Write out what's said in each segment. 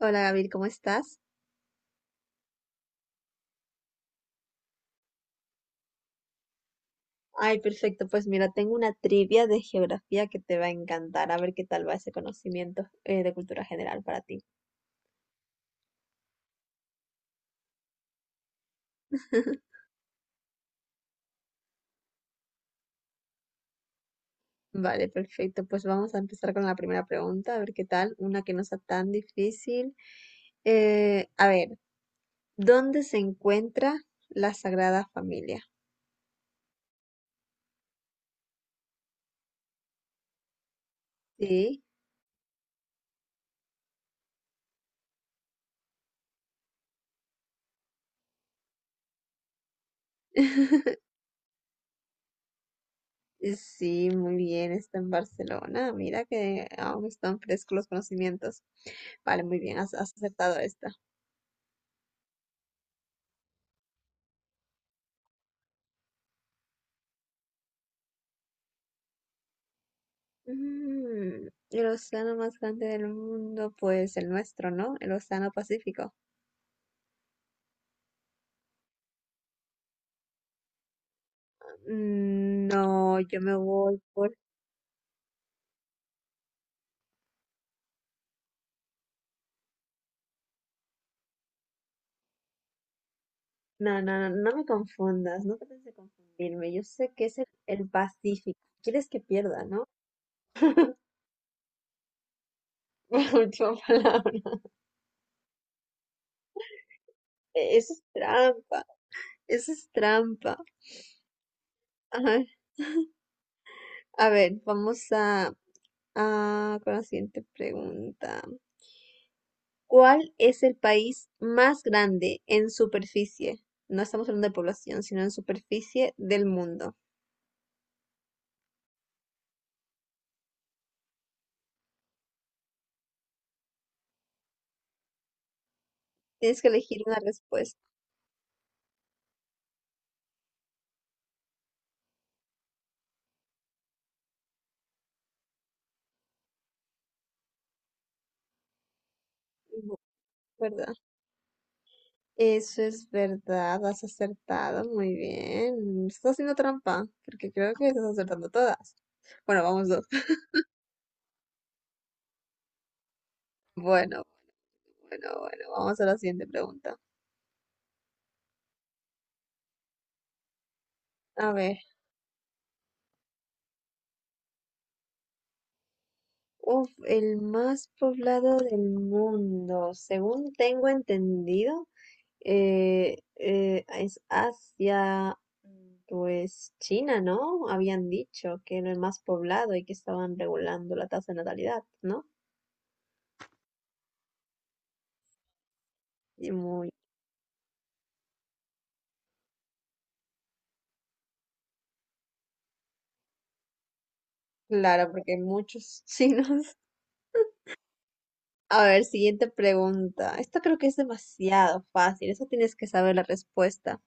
Hola Gabriel, ¿cómo estás? Ay, perfecto. Pues mira, tengo una trivia de geografía que te va a encantar. A ver qué tal va ese conocimiento de cultura general para ti. Vale, perfecto. Pues vamos a empezar con la primera pregunta, a ver qué tal. Una que no sea tan difícil. A ver, ¿dónde se encuentra la Sagrada Familia? Sí, sí, muy bien. Está en Barcelona. Mira que aún están frescos los conocimientos. Vale, muy bien, has acertado esta. El océano más grande del mundo, pues el nuestro, ¿no? El océano Pacífico. No, yo me voy por. No, no, no, no me confundas, no trates de confundirme. Yo sé que es el Pacífico. Quieres que pierda, ¿no? Última palabra. Eso es trampa, eso es trampa. Ay, a ver, vamos a con la siguiente pregunta. ¿Cuál es el país más grande en superficie? No estamos hablando de población, sino en superficie del mundo. Tienes que elegir una respuesta. Bu- ¿Verdad? Eso es verdad, has acertado muy bien. Estás haciendo trampa, porque creo que estás acertando todas. Bueno, vamos dos. Bueno, bueno, bueno, vamos a la siguiente pregunta. A ver, uf, el más poblado del mundo, según tengo entendido. Es Asia, pues China, ¿no? Habían dicho que era el más poblado y que estaban regulando la tasa de natalidad, ¿no? Y muy claro, porque hay muchos chinos. A ver, siguiente pregunta. Esta creo que es demasiado fácil, eso tienes que saber la respuesta.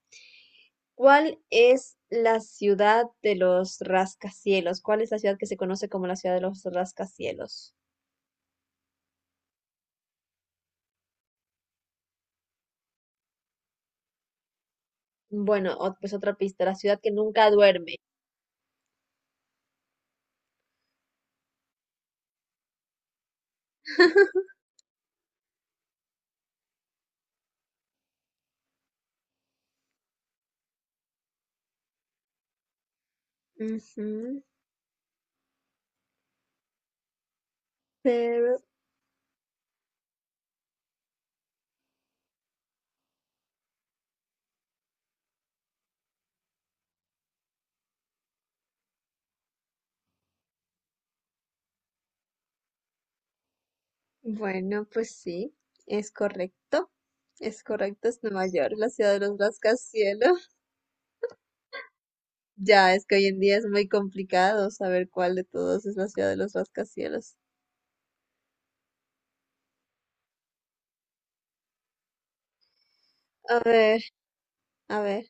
¿Cuál es la ciudad de los rascacielos? ¿Cuál es la ciudad que se conoce como la ciudad de los rascacielos? Bueno, pues otra pista, la ciudad que nunca duerme. Ujú, pero bueno, pues sí, es correcto. Es correcto, es Nueva York, la ciudad de los rascacielos. Ya, es que hoy en día es muy complicado saber cuál de todos es la ciudad de los rascacielos. A ver, a ver.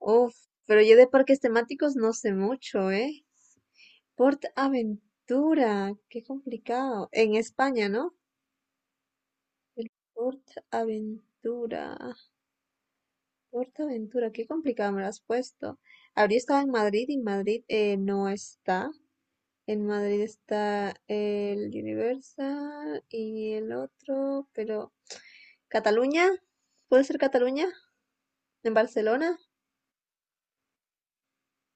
Uf, pero yo de parques temáticos no sé mucho, ¿eh? Port Aventura, qué complicado. En España, ¿no? El Port Aventura. Ventura, qué complicado me lo has puesto. Habría estado en Madrid y en Madrid no está. En Madrid está el Universal y el otro, pero. ¿Cataluña? ¿Puede ser Cataluña? ¿En Barcelona?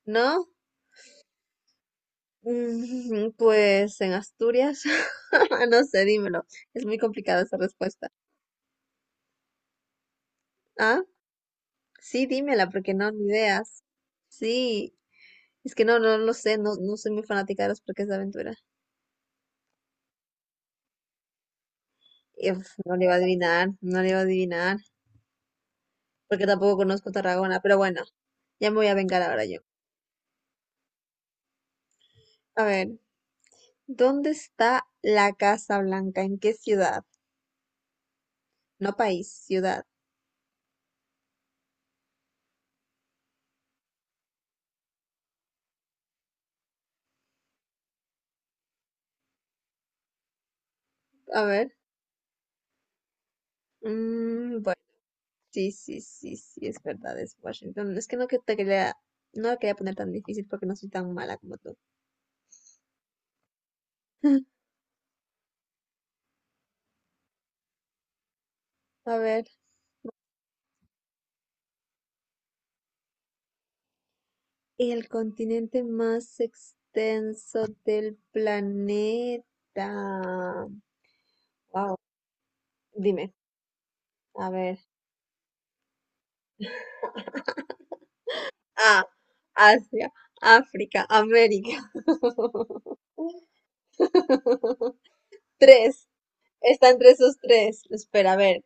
¿No? Pues en Asturias. No sé, dímelo. Es muy complicada esa respuesta. ¿Ah? Sí, dímela, porque no, ni ideas. Sí, es que no, no lo sé, no, no soy muy fanática de los parques de aventura. Uf, no le iba a adivinar, no le iba a adivinar, porque tampoco conozco Tarragona, pero bueno, ya me voy a vengar ahora yo. A ver, ¿dónde está la Casa Blanca? ¿En qué ciudad? No país, ciudad. A ver, bueno, sí, sí, sí, sí, es verdad, es Washington. Es que no que te quería, no la quería poner tan difícil porque no soy tan mala como tú. A ver, el continente más extenso del planeta. Wow, dime, a ver. A, Asia, África, América. Tres. Está entre esos tres. Espera, a ver.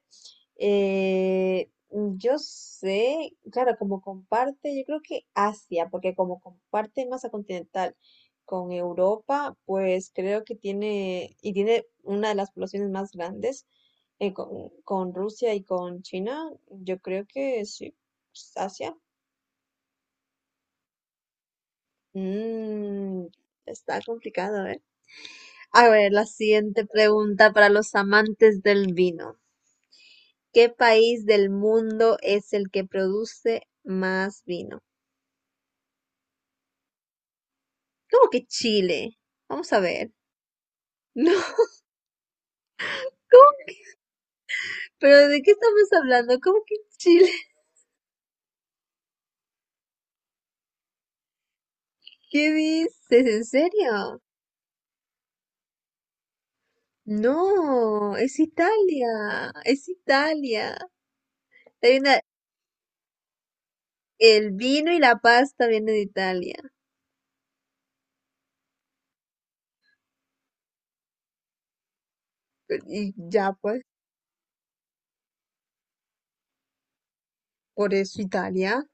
Yo sé, claro, como comparte, yo creo que Asia, porque como comparte masa continental con Europa, pues creo que tiene, y tiene una de las poblaciones más grandes con Rusia y con China, yo creo que sí, pues, Asia. Mm, está complicado, ¿eh? A ver, la siguiente pregunta para los amantes del vino. ¿Qué país del mundo es el que produce más vino? ¿Cómo que Chile? Vamos a ver. No, ¿cómo? ¿Pero de qué estamos hablando? ¿Cómo que Chile? ¿Qué dices? ¿En serio? No, es Italia, es Italia. Hay una- el vino y la pasta vienen de Italia. Y ya pues, por eso Italia.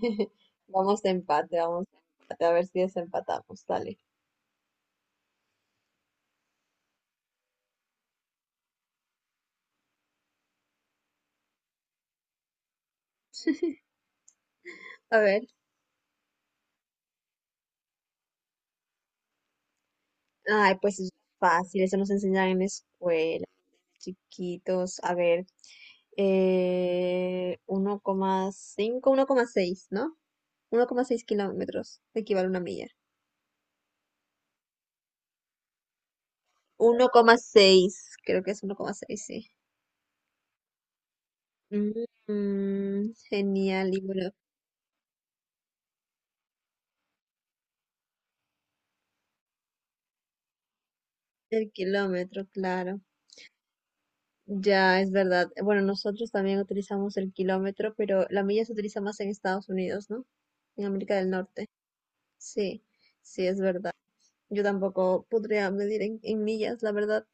Vamos a empate, vamos de empate, a ver si desempatamos, dale. A ver. Ay, pues es fácil, eso nos enseñan en la escuela, chiquitos. A ver, 1,5, 1,6 ¿no? 1,6 kilómetros equivale a una milla. 1,6 creo que es 1,6 sí. Genial, y bueno, el kilómetro, claro. Ya, es verdad. Bueno, nosotros también utilizamos el kilómetro, pero la milla se utiliza más en Estados Unidos, ¿no? En América del Norte. Sí, sí, es verdad. Yo tampoco podría medir en millas, la verdad.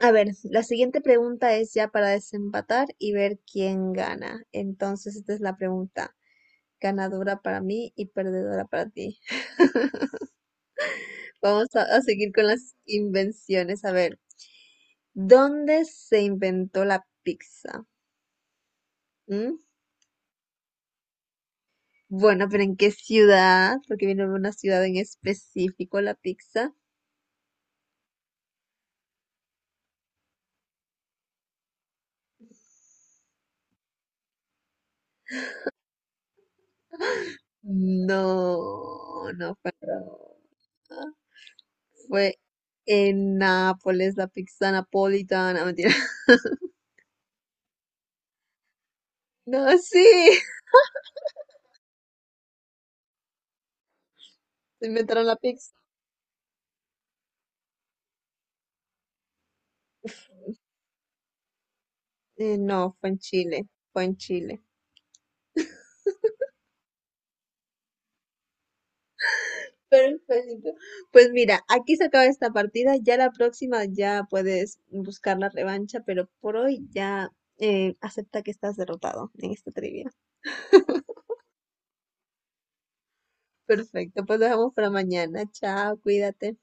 A ver, la siguiente pregunta es ya para desempatar y ver quién gana. Entonces, esta es la pregunta. Ganadora para mí y perdedora para ti. Vamos a seguir con las invenciones. A ver, ¿dónde se inventó la pizza? ¿Mm? Bueno, pero ¿en qué ciudad? Porque viene de una ciudad en específico la pizza. No, no fue en Roma. Fue en Nápoles, la pizza napolitana. Mentira. No, sí. Se inventaron la pizza. No, fue en Chile. Fue en Chile. Perfecto. Pues mira, aquí se acaba esta partida. Ya la próxima ya puedes buscar la revancha, pero por hoy ya acepta que estás derrotado en esta trivia. Perfecto, pues lo dejamos para mañana. Chao, cuídate.